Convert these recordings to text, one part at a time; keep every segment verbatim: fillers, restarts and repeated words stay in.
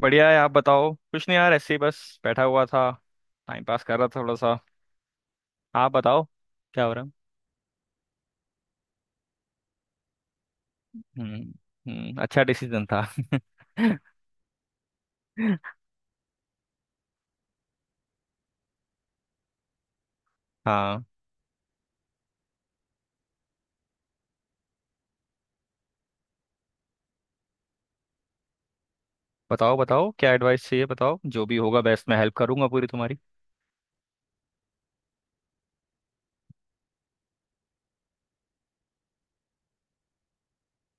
बढ़िया है। आप बताओ, कुछ नहीं यार, ऐसे ही बस बैठा हुआ था। टाइम पास कर रहा था थोड़ा सा। आप बताओ, क्या हो रहा है। हम्म, हम्म, अच्छा डिसीजन था। हाँ, बताओ बताओ क्या एडवाइस चाहिए बताओ, जो भी होगा बेस्ट, मैं हेल्प करूंगा पूरी तुम्हारी।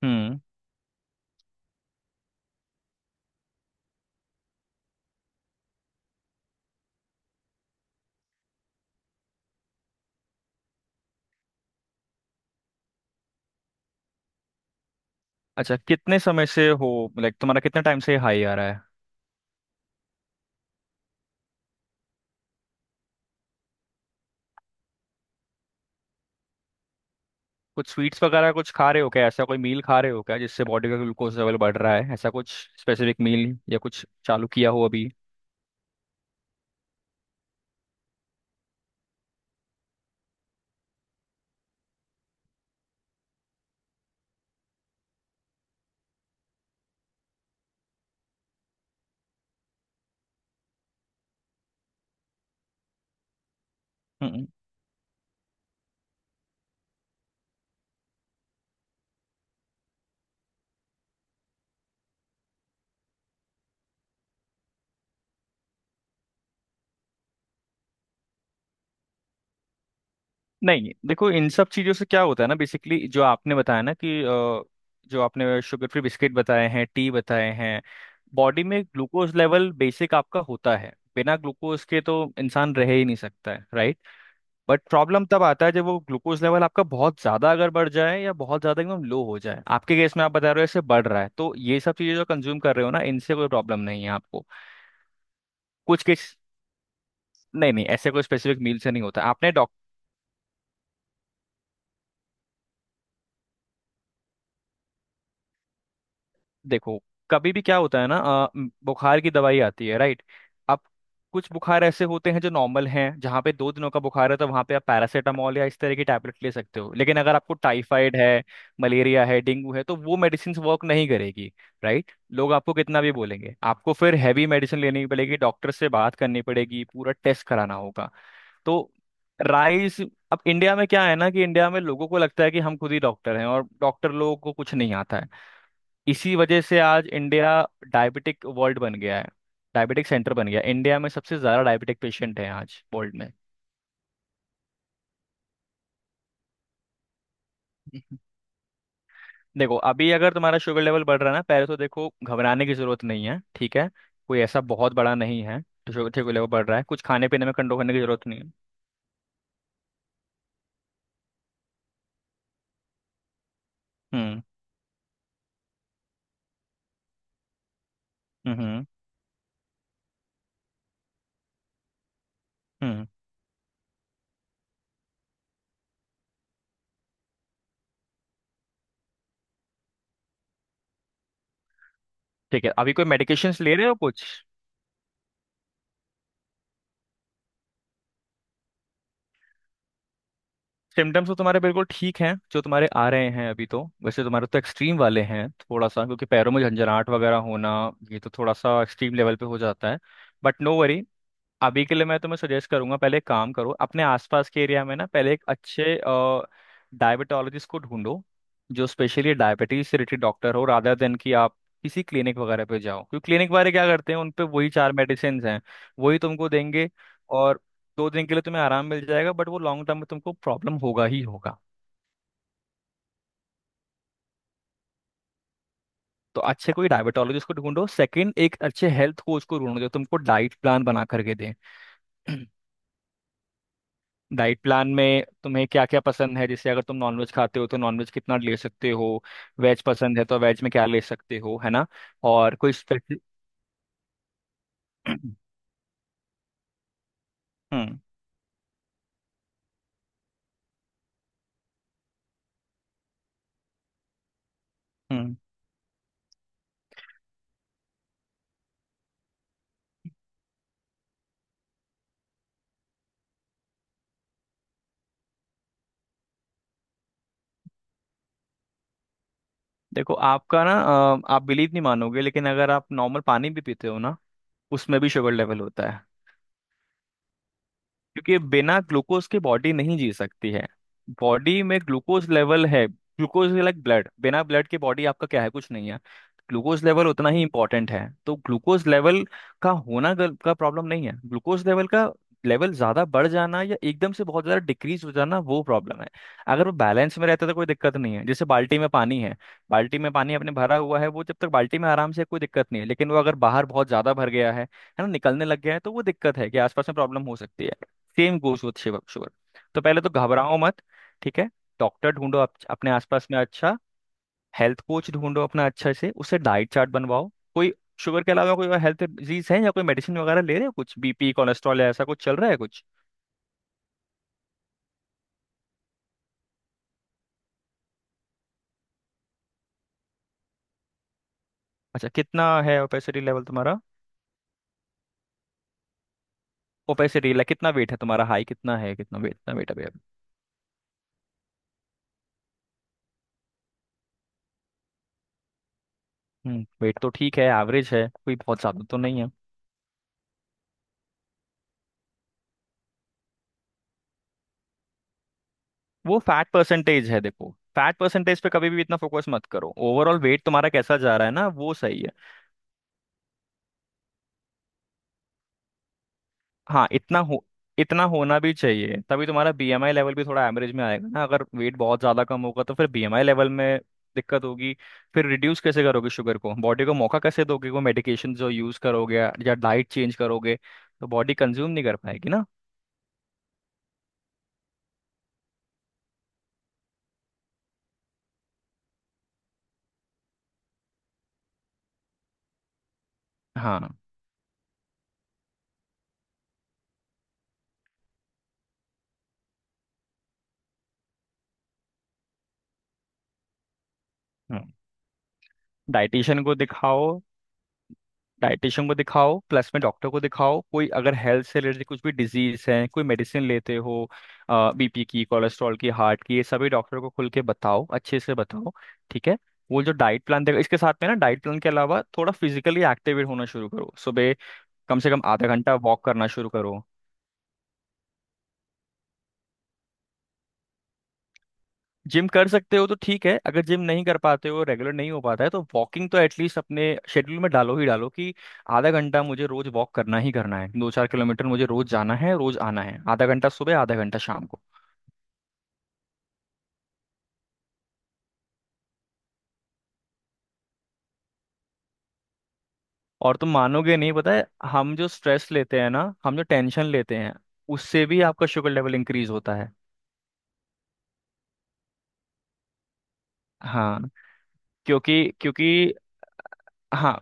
हम्म, अच्छा कितने समय से हो? लाइक तुम्हारा कितने टाइम से हाई आ रहा है? कुछ स्वीट्स वगैरह कुछ खा रहे हो क्या? ऐसा कोई मील खा रहे हो क्या जिससे बॉडी का ग्लूकोज लेवल बढ़ रहा है? ऐसा कुछ स्पेसिफिक मील या कुछ चालू किया हो अभी? हम्म। नहीं, देखो इन सब चीज़ों से क्या होता है ना, बेसिकली जो आपने बताया ना कि अ, जो आपने शुगर फ्री बिस्किट बताए हैं, टी बताए हैं। बॉडी में ग्लूकोज लेवल बेसिक आपका होता है, बिना ग्लूकोज के तो इंसान रह ही नहीं सकता है, राइट। बट प्रॉब्लम तब आता है जब वो ग्लूकोज लेवल आपका बहुत ज़्यादा अगर बढ़ जाए या बहुत ज़्यादा एकदम लो हो जाए। आपके केस में आप बता रहे हो ऐसे बढ़ रहा है, तो ये सब चीज़ें जो कंज्यूम कर रहे हो ना, इनसे कोई प्रॉब्लम नहीं है आपको। कुछ केस। नहीं नहीं, ऐसे कोई स्पेसिफिक मील से नहीं होता आपने। देखो, कभी भी क्या होता है ना, अ, म, बुखार की दवाई आती है, राइट। अब कुछ बुखार ऐसे होते हैं जो नॉर्मल हैं, जहाँ पे दो दिनों का बुखार है तो वहाँ पे आप पैरासीटामोल या इस तरह की टैबलेट ले सकते हो। लेकिन अगर आपको टाइफाइड है, मलेरिया है, डेंगू है, तो वो मेडिसिन वर्क नहीं करेगी, राइट। लोग आपको कितना भी बोलेंगे, आपको फिर हैवी मेडिसिन लेनी पड़ेगी, डॉक्टर से बात करनी पड़ेगी, पूरा टेस्ट कराना होगा। तो राइस। अब इंडिया में क्या है ना कि इंडिया में लोगों को लगता है कि हम खुद ही डॉक्टर हैं और डॉक्टर लोगों को कुछ नहीं आता है। इसी वजह से आज इंडिया डायबिटिक वर्ल्ड बन गया है, डायबिटिक सेंटर बन गया है। इंडिया में सबसे ज्यादा डायबिटिक पेशेंट है आज वर्ल्ड में। हम्म, देखो अभी अगर तुम्हारा शुगर लेवल बढ़ रहा है ना, पहले तो देखो घबराने की जरूरत नहीं है, ठीक है। कोई ऐसा बहुत बड़ा नहीं है तो शुगर शुगर लेवल बढ़ रहा है, कुछ खाने पीने में कंट्रोल करने की जरूरत नहीं है। हम्म, हम्म, हम्म। ठीक है, अभी कोई मेडिकेशंस ले रहे हो कुछ? सिम्टम्स तो तुम्हारे बिल्कुल ठीक हैं जो तुम्हारे आ रहे हैं अभी, तो वैसे तुम्हारे तो एक्सट्रीम वाले हैं थोड़ा सा, क्योंकि पैरों में झंझनाहट वगैरह होना, ये तो थोड़ा सा एक्सट्रीम लेवल पे हो जाता है। But no worry. अभी के लिए मैं तुम्हें सजेस्ट करूंगा, पहले एक काम करो, अपने आसपास के एरिया में ना पहले एक अच्छे डायबिटोलॉजिस्ट को ढूंढो जो स्पेशली डायबिटीज से रिलेटेड डॉक्टर हो, रादर देन कि आप किसी क्लिनिक वगैरह पे जाओ। क्योंकि क्लिनिक वाले क्या करते हैं, उन पे वही चार मेडिसिन हैं, वही तुमको देंगे। और दो दिन के लिए तुम्हें आराम मिल जाएगा, बट वो लॉन्ग टर्म में तुमको प्रॉब्लम होगा ही होगा। तो अच्छे कोई डायबिटोलॉजिस्ट को ढूंढो, सेकंड एक अच्छे हेल्थ कोच को ढूंढो जो तुमको डाइट प्लान बना करके दे। डाइट प्लान में तुम्हें क्या क्या पसंद है, जैसे अगर तुम नॉनवेज खाते हो तो नॉनवेज कितना ले सकते हो, वेज पसंद है तो वेज में क्या ले सकते हो, है ना। और कोई स्पेसिफिक? हम्म, हम्म। देखो आपका ना, अ, आप बिलीव नहीं मानोगे, लेकिन अगर आप नॉर्मल पानी भी पीते हो ना उसमें भी शुगर लेवल होता है। क्योंकि बिना ग्लूकोज के बॉडी नहीं जी सकती है। बॉडी में ग्लूकोज लेवल है, ग्लूकोज लाइक ब्लड, बिना ब्लड के बॉडी आपका क्या है, कुछ नहीं है। ग्लूकोज लेवल उतना ही इंपॉर्टेंट है, तो ग्लूकोज लेवल का होना गल- का प्रॉब्लम नहीं है, ग्लूकोज लेवल का लेवल ज्यादा बढ़ जाना या एकदम से बहुत ज्यादा डिक्रीज हो जाना, वो प्रॉब्लम है। अगर वो बैलेंस में रहता है तो कोई दिक्कत नहीं है। जैसे बाल्टी में पानी है, बाल्टी में पानी आपने भरा हुआ है, वो जब तक बाल्टी में आराम से है, कोई दिक्कत नहीं है, लेकिन वो अगर बाहर बहुत ज्यादा भर गया है है ना, निकलने लग गया है, तो वो दिक्कत है कि आसपास में प्रॉब्लम हो सकती है। Same goes with shiver sugar. तो पहले तो घबराओ मत, ठीक है। डॉक्टर ढूंढो अप, अपने आसपास में अच्छा हेल्थ कोच ढूंढो अपना, अच्छे से उससे डाइट चार्ट बनवाओ। कोई शुगर के अलावा कोई और हेल्थ डिजीज है या कोई मेडिसिन वगैरह ले रहे हो कुछ? बीपी, कोलेस्ट्रॉल या ऐसा कुछ चल रहा है कुछ? अच्छा, कितना है ओपेसिटी लेवल तुम्हारा? ओपेसिटी लेवल, कितना वेट है तुम्हारा? हाई कितना है, कितना वेट, कितना वेट है भैया? हम्म, वेट तो ठीक है, एवरेज है, कोई बहुत ज्यादा तो नहीं है। वो फैट परसेंटेज है, देखो फैट परसेंटेज पे कभी भी इतना फोकस मत करो, ओवरऑल वेट तुम्हारा कैसा जा रहा है ना, वो सही है। हाँ, इतना हो, इतना होना भी चाहिए, तभी तुम्हारा बीएमआई लेवल भी थोड़ा एवरेज में आएगा ना, अगर वेट बहुत ज़्यादा कम होगा तो फिर बीएमआई लेवल में दिक्कत होगी। फिर रिड्यूस कैसे करोगे शुगर को, बॉडी को मौका कैसे दोगे, वो मेडिकेशन जो यूज़ करोगे या डाइट चेंज करोगे, तो बॉडी कंज्यूम नहीं कर पाएगी ना। हाँ, डाइटिशियन को दिखाओ, डाइटिशियन को दिखाओ प्लस में डॉक्टर को दिखाओ। कोई अगर हेल्थ से रिलेटेड कुछ भी डिजीज है, कोई मेडिसिन लेते हो, बीपी की, कोलेस्ट्रॉल की, हार्ट की, ये सभी डॉक्टर को खुल के बताओ, अच्छे से बताओ, ठीक है। वो जो डाइट प्लान देगा, इसके साथ में ना डाइट प्लान के अलावा थोड़ा फिजिकली एक्टिवेट होना शुरू करो। सुबह कम से कम आधा घंटा वॉक करना शुरू करो। जिम कर सकते हो तो ठीक है, अगर जिम नहीं कर पाते हो, रेगुलर नहीं हो पाता है, तो वॉकिंग तो एटलीस्ट अपने शेड्यूल में डालो ही डालो कि आधा घंटा मुझे रोज वॉक करना ही करना है, दो चार किलोमीटर मुझे रोज जाना है रोज आना है, आधा घंटा सुबह आधा घंटा शाम को। और तुम मानोगे नहीं, पता है, हम जो स्ट्रेस लेते हैं ना, हम जो टेंशन लेते हैं, उससे भी आपका शुगर लेवल इंक्रीज होता है। हाँ, क्योंकि क्योंकि हाँ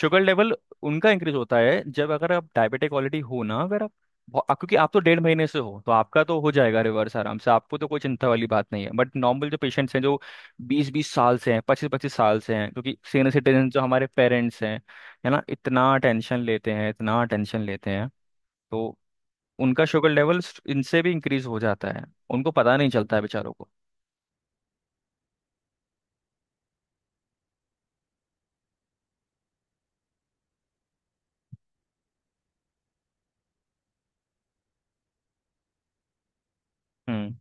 शुगर लेवल उनका इंक्रीज होता है जब, अगर आप डायबिटिक ऑलरेडी हो ना, अगर आप बहु- आप- क्योंकि आप तो डेढ़ महीने से हो तो आपका तो हो जाएगा रिवर्स आराम से, आपको तो कोई चिंता वाली बात नहीं है। बट नॉर्मल जो पेशेंट्स हैं जो बीस बीस साल से हैं, पच्चीस पच्चीस साल से हैं, क्योंकि सीनियर सिटीजन जो हमारे पेरेंट्स हैं, है ना, इतना टेंशन लेते हैं, इतना टेंशन लेते हैं, तो उनका शुगर लेवल इनसे भी इंक्रीज हो जाता है, उनको पता नहीं चलता है बेचारों को। हम्म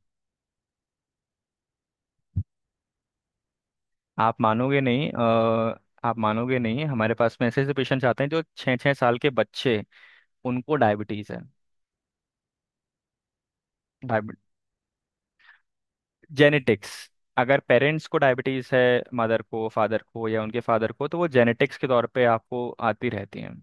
आप मानोगे नहीं अ, आप मानोगे नहीं, हमारे पास में ऐसे ऐसे पेशेंट्स आते हैं जो छः छः साल के बच्चे, उनको डायबिटीज है। जेनेटिक्स। अगर पेरेंट्स को डायबिटीज है, मदर को, फादर को, या उनके फादर को, तो वो जेनेटिक्स के तौर पे आपको आती रहती है।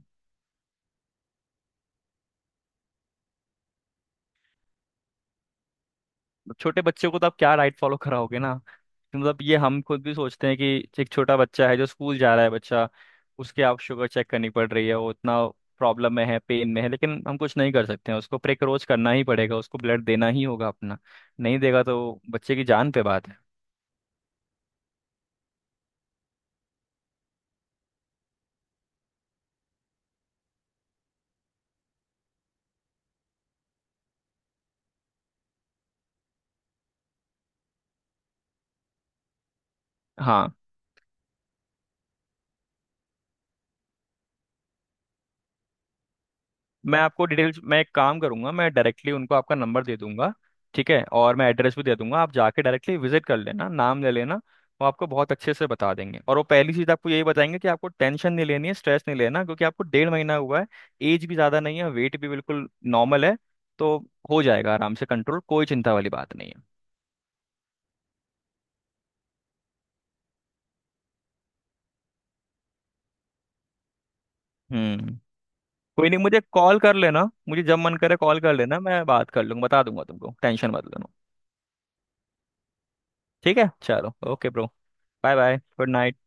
छोटे बच्चों को तो आप क्या डाइट फॉलो कराओगे ना, तो मतलब ये हम खुद भी सोचते हैं कि एक छोटा बच्चा है जो स्कूल जा रहा है, बच्चा उसके आप शुगर चेक करनी पड़ रही है, वो उतना प्रॉब्लम में है, पेन में है, लेकिन हम कुछ नहीं कर सकते हैं, उसको प्रेक्रोच करना ही पड़ेगा, उसको ब्लड देना ही होगा अपना। नहीं देगा तो बच्चे की जान पे बात है। हाँ, मैं आपको डिटेल्स मैं एक काम करूंगा, मैं डायरेक्टली उनको आपका नंबर दे दूंगा, ठीक है। और मैं एड्रेस भी दे दूंगा, आप जाके डायरेक्टली विजिट कर लेना, नाम ले लेना। वो आपको बहुत अच्छे से बता देंगे, और वो पहली चीज़ आपको यही बताएंगे कि आपको टेंशन नहीं लेनी है, स्ट्रेस नहीं लेना, क्योंकि आपको डेढ़ महीना हुआ है, एज भी ज़्यादा नहीं है, वेट भी बिल्कुल नॉर्मल है, तो हो जाएगा आराम से कंट्रोल, कोई चिंता वाली बात नहीं है। हम्म। कोई नहीं, मुझे कॉल कर लेना, मुझे जब मन करे कॉल कर लेना, मैं बात कर लूंगा, बता दूंगा तुमको, टेंशन मत लेना। ठीक है, चलो, okay bro. Bye bye, good night.